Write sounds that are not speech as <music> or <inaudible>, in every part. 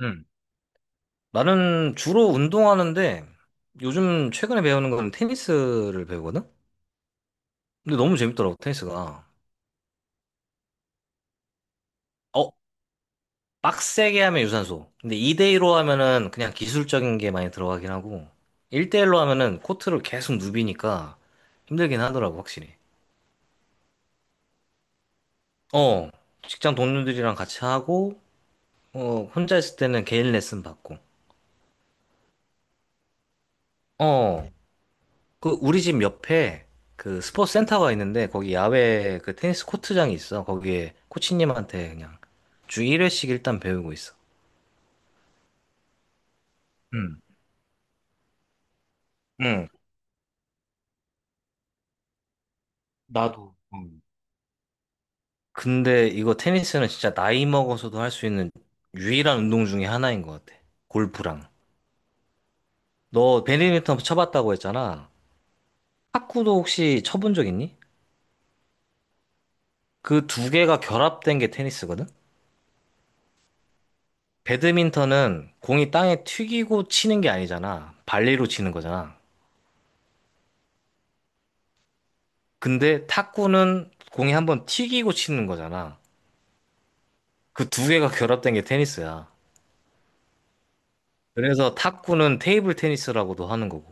음. 나는 주로 운동하는데 요즘 최근에 배우는 건 테니스를 배우거든? 근데 너무 재밌더라고, 테니스가. 어, 빡세게 하면 유산소. 근데 2대일로 하면은 그냥 기술적인 게 많이 들어가긴 하고 1대1로 하면은 코트를 계속 누비니까 힘들긴 하더라고, 확실히. 어, 직장 동료들이랑 같이 하고 어, 혼자 있을 때는 개인 레슨 받고. 어, 그 우리 집 옆에 그 스포츠 센터가 있는데 거기 야외 그 테니스 코트장이 있어. 거기에 코치님한테 그냥 주 1회씩 일단 배우고 있어. 응, 응. 나도. 응. 근데 이거 테니스는 진짜 나이 먹어서도 할 수 있는 유일한 운동 중에 하나인 것 같아. 골프랑. 너 배드민턴 쳐봤다고 했잖아. 탁구도 혹시 쳐본 적 있니? 그 두 개가 결합된 게 테니스거든? 배드민턴은 공이 땅에 튀기고 치는 게 아니잖아. 발리로 치는 거잖아. 근데 탁구는 공이 한번 튀기고 치는 거잖아. 그 두 개가 결합된 게 테니스야. 그래서 탁구는 테이블 테니스라고도 하는 거고.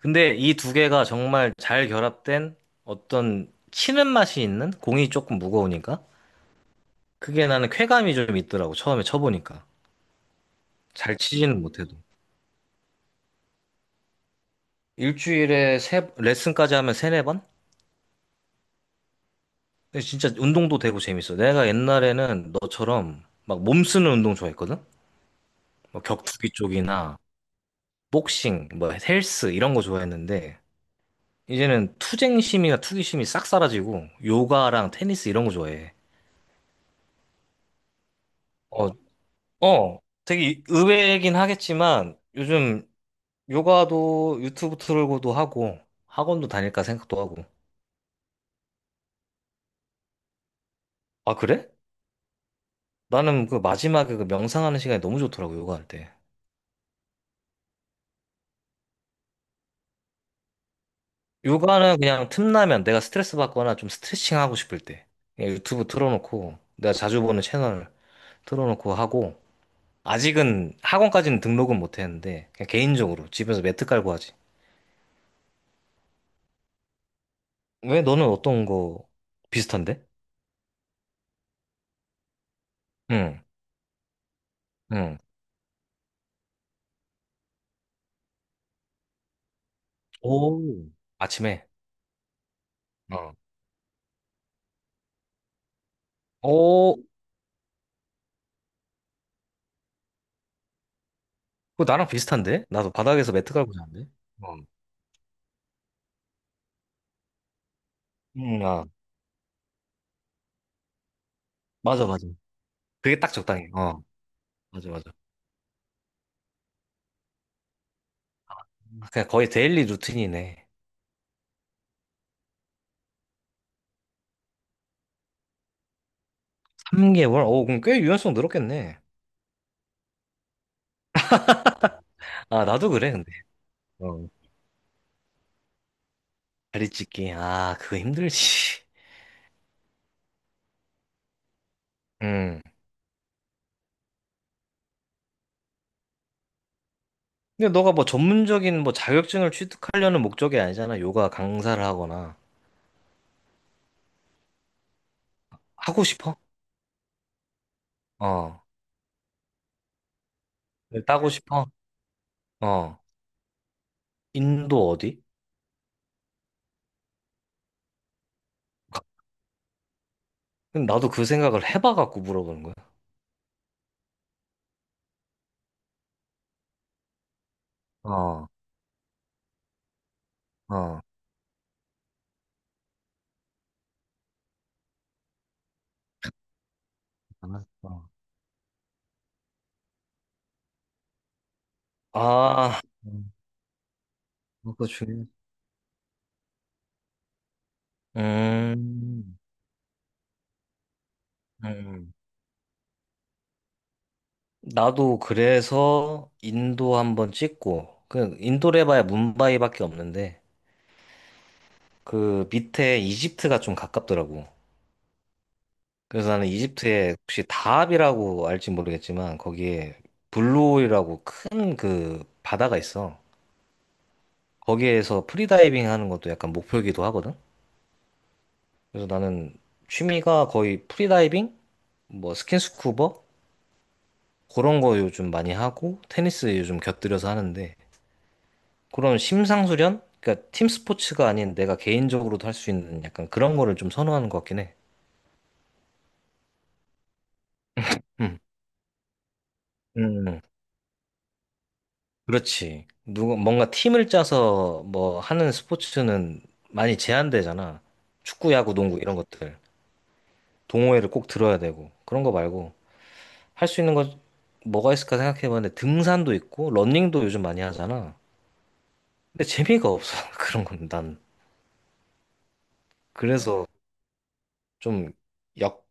근데 이 두 개가 정말 잘 결합된 어떤 치는 맛이 있는 공이 조금 무거우니까 그게 나는 쾌감이 좀 있더라고. 처음에 쳐보니까. 잘 치지는 못해도. 일주일에 레슨까지 하면 세네 번? 근데 진짜 운동도 되고 재밌어. 내가 옛날에는 너처럼 막 몸쓰는 운동 좋아했거든? 뭐 격투기 쪽이나 복싱, 뭐 헬스 이런 거 좋아했는데 이제는 투쟁심이나 투기심이 싹 사라지고 요가랑 테니스 이런 거 좋아해. 어, 어, 되게 의외이긴 하겠지만 요즘 요가도 유튜브 틀고도 하고 학원도 다닐까 생각도 하고. 아, 그래? 나는 그 마지막에 그 명상하는 시간이 너무 좋더라고, 요가할 때. 요가는 그냥 틈나면 내가 스트레스 받거나 좀 스트레칭 하고 싶을 때 그냥 유튜브 틀어놓고 내가 자주 보는 채널 틀어놓고 하고 아직은 학원까지는 등록은 못 했는데 그냥 개인적으로 집에서 매트 깔고 하지. 왜 너는 어떤 거 비슷한데? 응, 응. 오. 아침에. 어. 오, 그거 나랑 비슷한데? 나도 바닥에서 매트 깔고 자는데. 어. 응, 아, 맞아, 맞아. 그게 딱 적당해. 어, 맞아, 맞아. 그냥 거의 데일리 루틴이네. 3개월? 오, 그럼 꽤 유연성 늘었겠네. 아, 나도 그래, 근데. 어. 다리 찢기. 아, 그거 힘들지. <laughs> 응. 근데 너가 뭐 전문적인 뭐 자격증을 취득하려는 목적이 아니잖아. 요가 강사를 하거나. 하고 싶어? 어. 네, 따고 싶어? 어. 인도 어디? 근데 나도 그 생각을 해봐갖고 물어보는 거야. 어, 어. 알았어. 아, 음, 그거 중요해. 음, 음. 나도 그래서 인도 한번 찍고, 그 인도를 해봐야 뭄바이밖에 없는데, 그 밑에 이집트가 좀 가깝더라고. 그래서 나는 이집트에 혹시 다합이라고 알지 모르겠지만 거기에 블루홀이라고 큰 그 바다가 있어. 거기에서 프리다이빙 하는 것도 약간 목표이기도 하거든. 그래서 나는 취미가 거의 프리다이빙, 뭐 스킨스쿠버 그런 거 요즘 많이 하고 테니스 요즘 곁들여서 하는데 그런 심상수련? 그러니까 팀 스포츠가 아닌 내가 개인적으로도 할 수 있는 약간 그런 거를 좀 선호하는 것 같긴 해. 음. 음. 그렇지. 누가 뭔가 팀을 짜서 뭐 하는 스포츠는 많이 제한되잖아. 축구, 야구, 농구 이런 것들. 동호회를 꼭 들어야 되고 그런 거 말고 할 수 있는 거 뭐가 있을까 생각해봤는데 등산도 있고 러닝도 요즘 많이 하잖아. 근데 재미가 없어. <laughs> 그런 건 난. 그래서 좀 역,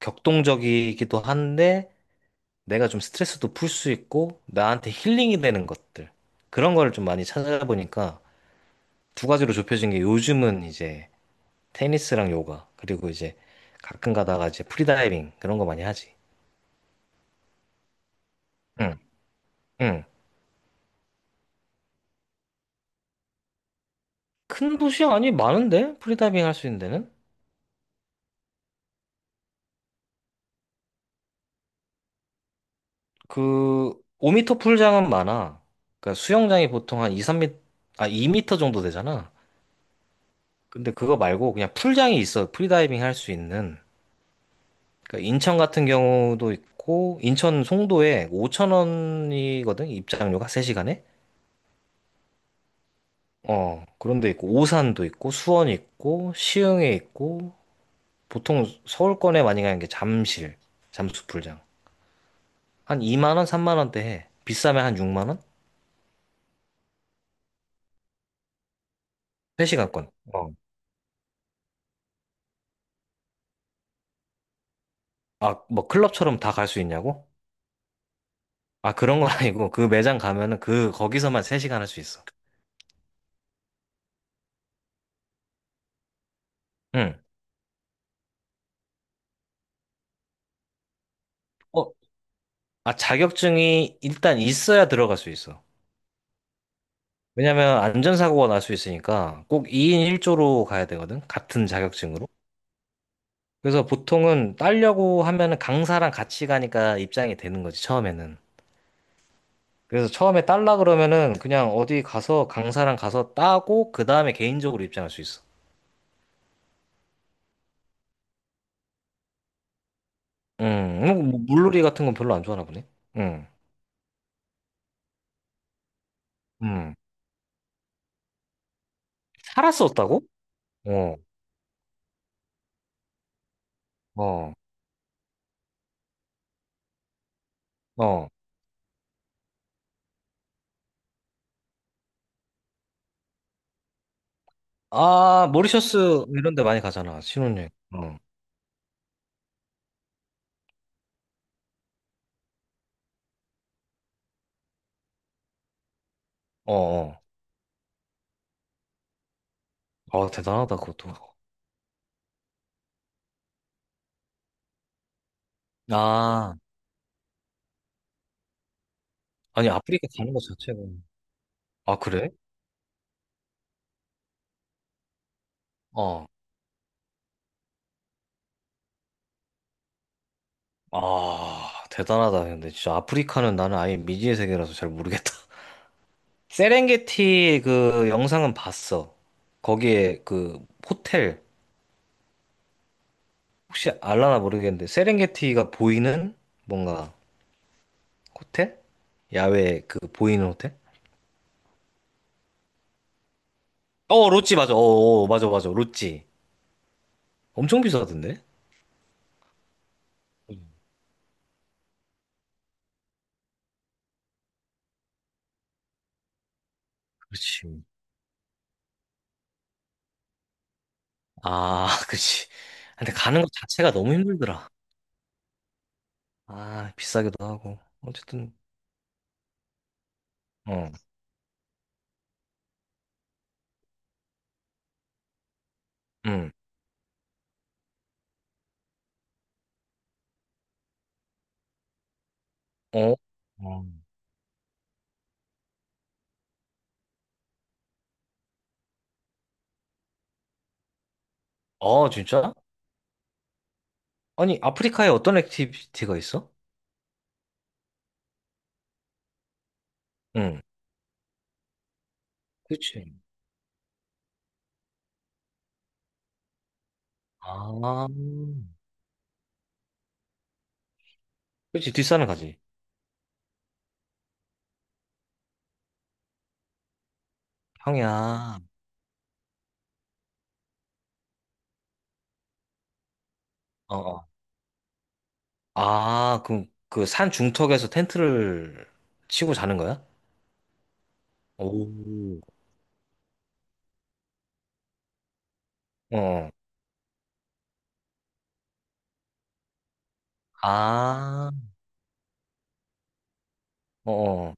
격동적이기도 한데 내가 좀 스트레스도 풀 수 있고 나한테 힐링이 되는 것들. 그런 거를 좀 많이 찾아보니까 두 가지로 좁혀진 게 요즘은 이제 테니스랑 요가 그리고 이제 가끔 가다가 이제 프리다이빙 그런 거 많이 하지. 응, 응. 큰 도시 아니 많은데 프리다이빙 할 수 있는 데는 그 5m 풀장은 많아. 그러니까 수영장이 보통 한 2, 3m 아2터 정도 되잖아. 근데 그거 말고 그냥 풀장이 있어 프리다이빙 할 수 있는. 그러니까 인천 같은 경우도 있고 인천 송도에 5천 원이거든 입장료가 3시간에. 어, 그런 데 있고 오산도 있고 수원 있고 시흥에 있고 보통 서울권에 많이 가는 게 잠실, 잠수풀장. 한 2만 원, 3만 원대 해. 비싸면 한 6만 원? 3시간권. 어. 아, 뭐 클럽처럼 다 갈 수 있냐고? 아, 그런 건 <laughs> 아니고 그 매장 가면은 그 거기서만 3시간 할 수 있어. 응. 어, 아, 자격증이 일단 있어야 들어갈 수 있어. 왜냐면 안전사고가 날 수 있으니까 꼭 2인 1조로 가야 되거든. 같은 자격증으로. 그래서 보통은 따려고 하면은 강사랑 같이 가니까 입장이 되는 거지, 처음에는. 그래서 처음에 딸라 그러면은 그냥 어디 가서 강사랑 가서 따고 그 다음에 개인적으로 입장할 수 있어. 뭐 물놀이 같은 건 별로 안 좋아하나 보네. 음, 음. 살았었다고? 어, 어, 어. 아, 모리셔스 이런 데 많이 가잖아. 신혼여행. 어, 어, 어. 아, 대단하다, 그것도. 아, 아니, 아프리카 가는 것 자체가. 아, 그래? 어. 아, 대단하다. 근데 진짜 아프리카는 나는 아예 미지의 세계라서 잘 모르겠다. 세렝게티 그 영상은 봤어. 거기에 그 호텔 혹시 알라나 모르겠는데 세렝게티가 보이는 뭔가 호텔? 야외 그 보이는 호텔? 어, 로지 맞아. 어, 어, 어, 맞아 맞아. 로지 엄청 비싸던데? 그렇지. 아, <laughs> 그렇지. 근데 가는 것 자체가 너무 힘들더라. 아, 비싸기도 하고. 어쨌든, 어, 응, 어, 어. 어, 진짜? 아니, 아프리카에 어떤 액티비티가 있어? 응, 그치. 아, 그렇지. 뒷산을 가지. 평양. 어, 어. 아, 그럼 그 산 중턱에서 텐트를 치고 자는 거야? 오. 어. 어. 아, 어. 어.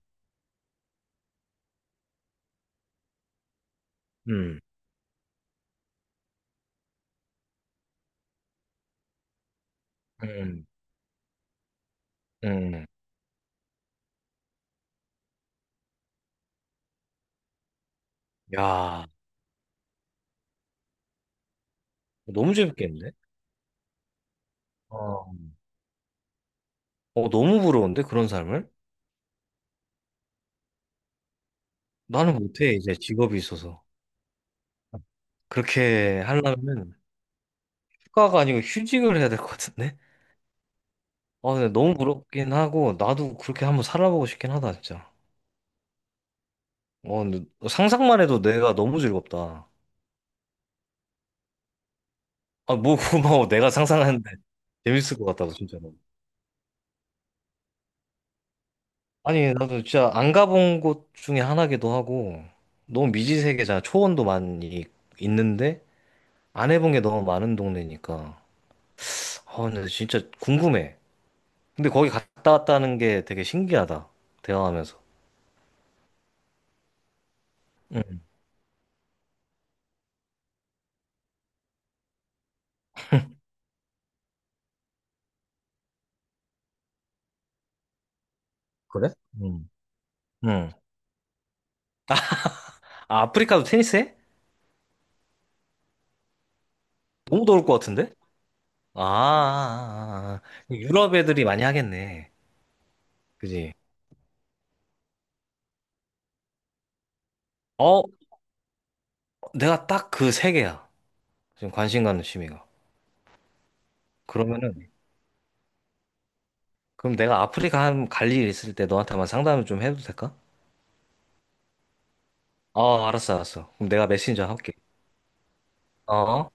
음. 음. 음. 음. 야, 너무 재밌겠는데? 어. 어, 너무 부러운데 그런 삶을? 나는 못해. 이제 직업이 있어서. 그렇게 하려면 휴가가 아니고 휴직을 해야 될 것 같은데? 아, 근데 너무 부럽긴 하고 나도 그렇게 한번 살아보고 싶긴 하다, 진짜. 어, 근데 상상만 해도 내가 너무 즐겁다. 아, 뭐 <laughs> 고마워. 내가 상상하는데 재밌을 것 같다고, 진짜로. 아니, 나도 진짜 안 가본 곳 중에 하나기도 하고, 너무 미지 세계잖아. 초원도 많이 있는데, 안 해본 게 너무 많은 동네니까. 아, 근데 진짜 궁금해. 근데 거기 갔다 왔다는 게 되게 신기하다. 대화하면서. 응. 그래? 응. 응. 아, 아프리카도 테니스 해? 너무 더울 것 같은데? 아, 아, 아, 아. 유럽 애들이 많이 하겠네. 그지? 어, 내가 딱 그 세 개야. 지금 관심 가는 취미가. 그러면은, 그럼 내가 아프리카 한 갈 일 있을 때 너한테만 상담을 좀 해도 될까? 어, 알았어, 알았어. 그럼 내가 메신저 할게. 어.